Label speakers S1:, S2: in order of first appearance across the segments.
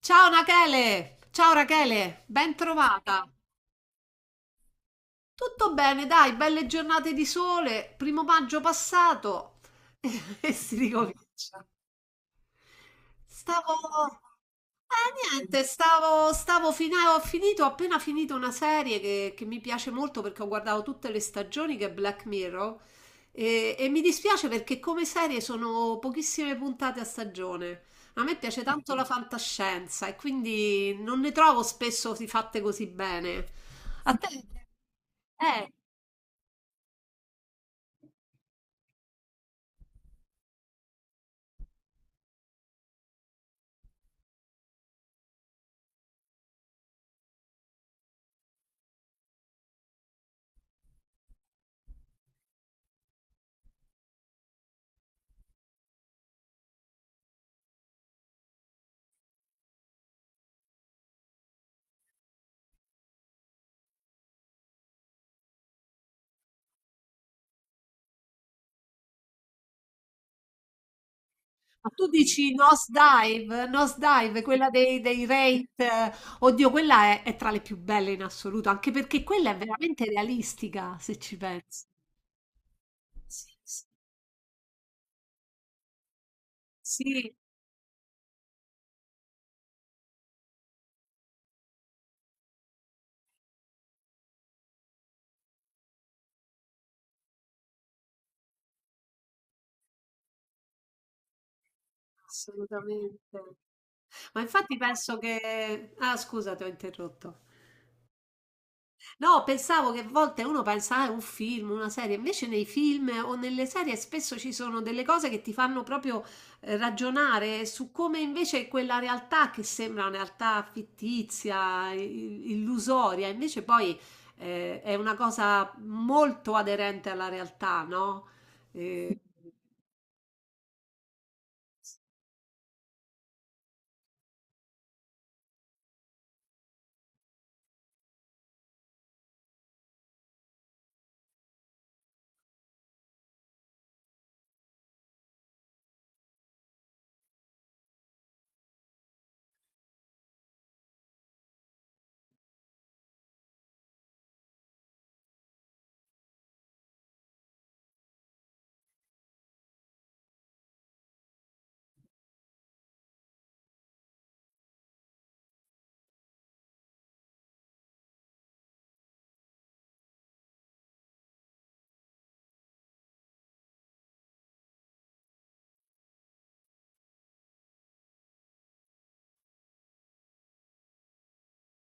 S1: Ciao Rachele, ben trovata. Tutto bene, dai, belle giornate di sole, primo maggio passato e si ricomincia. Stavo... niente, stavo, stavo fina- ho finito, ho appena finito una serie che mi piace molto perché ho guardato tutte le stagioni, che è Black Mirror, e mi dispiace perché come serie sono pochissime puntate a stagione. A me piace tanto la fantascienza e quindi non ne trovo spesso di fatte così bene. A te? Ma tu dici Nosedive? Nosedive, quella dei Wraith, eh. Oddio, quella è tra le più belle in assoluto, anche perché quella è veramente realistica, se ci pensi. Sì, sì, sì, assolutamente. Ma infatti penso che... Ah, scusa, ti ho interrotto. No, pensavo che a volte uno pensa, ah, è un film, una serie, invece nei film o nelle serie spesso ci sono delle cose che ti fanno proprio ragionare su come invece quella realtà che sembra una realtà fittizia, illusoria, invece poi è una cosa molto aderente alla realtà, no? Eh,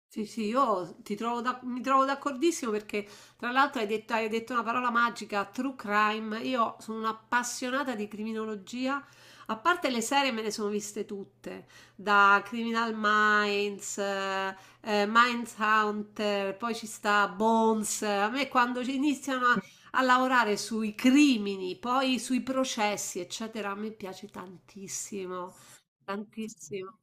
S1: Sì, sì, io ti mi trovo d'accordissimo perché tra l'altro hai detto una parola magica, true crime. Io sono un'appassionata di criminologia, a parte le serie me ne sono viste tutte, da Criminal Minds, Mindhunter, poi ci sta Bones. A me quando ci iniziano a lavorare sui crimini, poi sui processi, eccetera, a me piace tantissimo, tantissimo.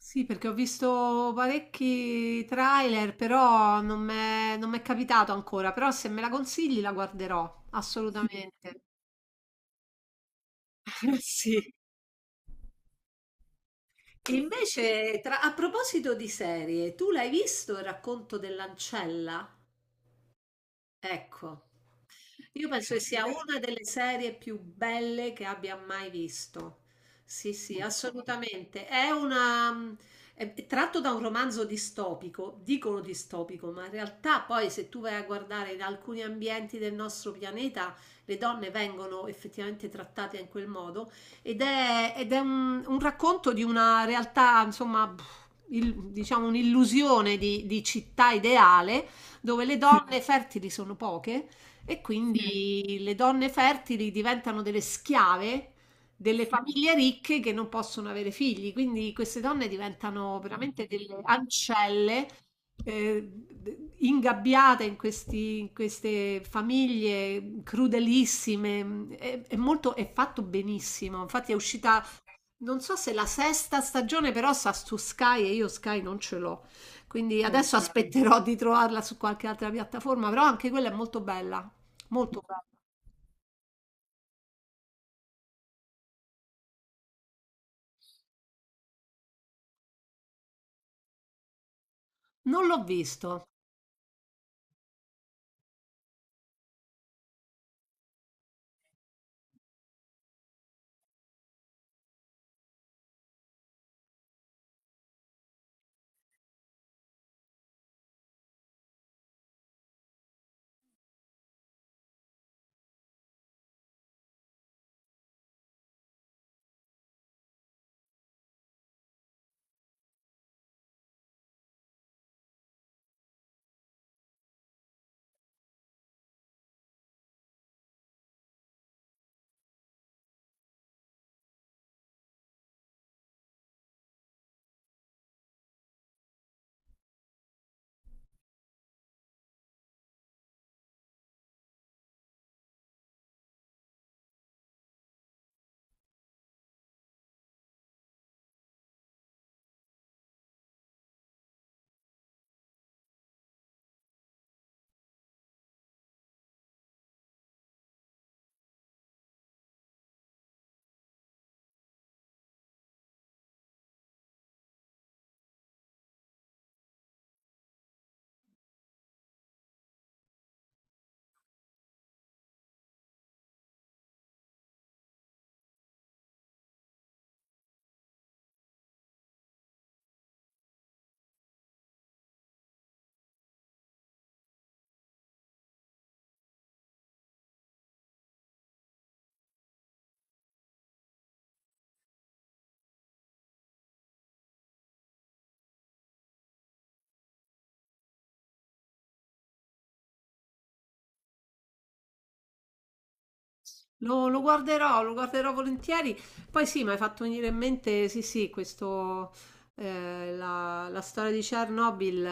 S1: Sì, perché ho visto parecchi trailer, però non m'è capitato ancora. Però se me la consigli la guarderò, assolutamente. Sì. E invece, a proposito di serie, tu l'hai visto Il racconto dell'ancella? Ecco. Io penso che sia una delle serie più belle che abbia mai visto. Sì, sì, assolutamente. È una... È tratto da un romanzo distopico, dicono distopico, ma in realtà poi se tu vai a guardare in alcuni ambienti del nostro pianeta, le donne vengono effettivamente trattate in quel modo un racconto di una realtà, insomma, pff, diciamo un'illusione di città ideale dove le donne fertili sono poche e quindi le donne fertili diventano delle schiave delle famiglie ricche che non possono avere figli. Quindi queste donne diventano veramente delle ancelle, ingabbiate in in queste famiglie crudelissime. È fatto benissimo. Infatti è uscita non so se la sesta stagione, però sta su Sky e io Sky non ce l'ho, quindi adesso, ok, aspetterò di trovarla su qualche altra piattaforma, però anche quella è molto bella, molto bella. Non l'ho visto. Lo, lo guarderò volentieri. Poi sì, mi hai fatto venire in mente, sì, sì, questo, la storia di Chernobyl, eh,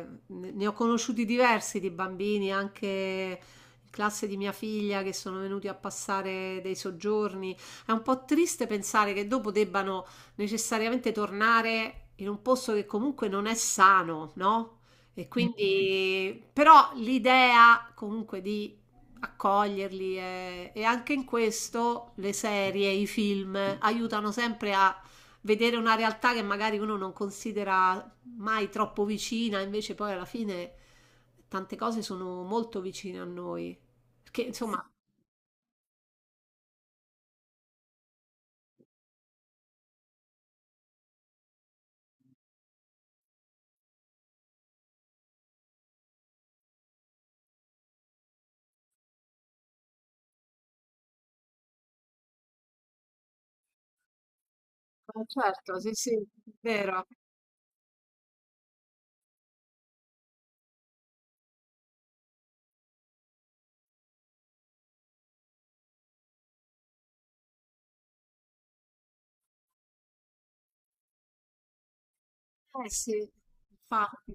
S1: eh, ne ne ho conosciuti diversi di bambini, anche in classe di mia figlia, che sono venuti a passare dei soggiorni. È un po' triste pensare che dopo debbano necessariamente tornare in un posto che comunque non è sano, no? E quindi, però l'idea comunque di accoglierli, e anche in questo le serie, i film aiutano sempre a vedere una realtà che magari uno non considera mai troppo vicina, invece poi alla fine tante cose sono molto vicine a noi. Perché insomma, eh, certo, sì, sì, è vero. Eh sì, infatti.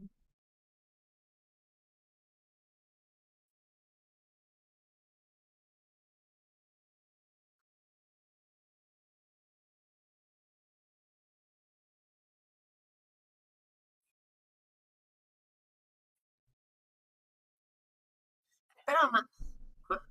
S1: Però, ma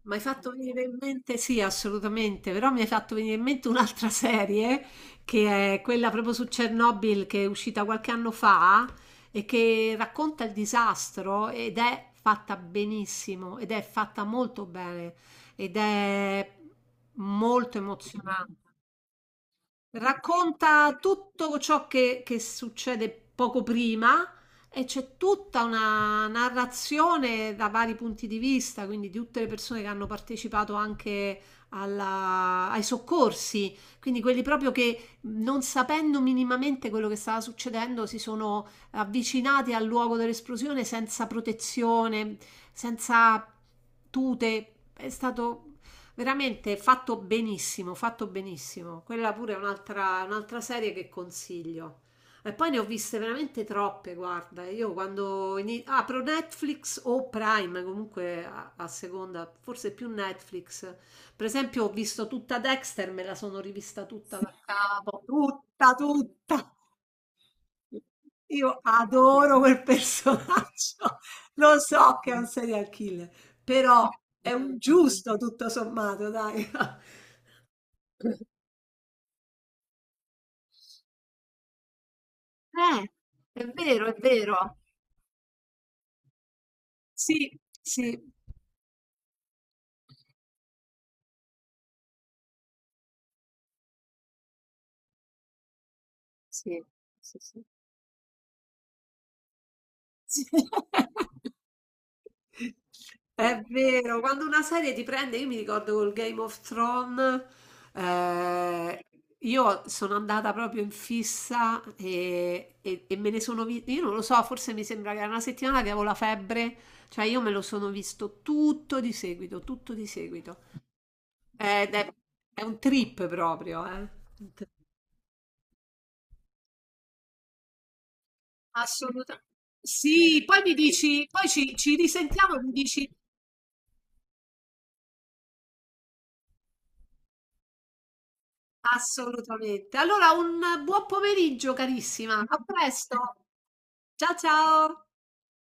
S1: mi hai fatto venire in mente, sì, assolutamente, però mi hai fatto venire in mente un'altra serie che è quella proprio su Chernobyl che è uscita qualche anno fa e che racconta il disastro ed è fatta benissimo, ed è fatta molto bene, ed è molto emozionante. Racconta tutto ciò che succede poco prima e c'è tutta una narrazione da vari punti di vista, quindi di tutte le persone che hanno partecipato anche ai soccorsi, quindi quelli proprio che, non sapendo minimamente quello che stava succedendo, si sono avvicinati al luogo dell'esplosione senza protezione, senza tute. È stato veramente fatto benissimo, fatto benissimo. Quella pure è un'altra serie che consiglio. E poi ne ho viste veramente troppe, guarda. Io quando apro Netflix o Prime, comunque a seconda, forse più Netflix. Per esempio, ho visto tutta Dexter, me la sono rivista tutta da capo. Io adoro quel personaggio. Lo so che è un serial killer, però è un giusto tutto sommato, dai. Eh, è vero, è vero. Sì, sì, sì, sì, sì. Sì. È vero, quando una serie ti prende, io mi ricordo col Game of Thrones, eh, io sono andata proprio in fissa e me ne sono vista, io non lo so, forse mi sembra che era una settimana che avevo la febbre, cioè io me lo sono visto tutto di seguito, tutto di seguito. Ed è un trip proprio, eh. Assoluta, sì, poi mi dici, poi ci risentiamo e mi dici, assolutamente. Allora un buon pomeriggio carissima, a presto. Ciao, ciao.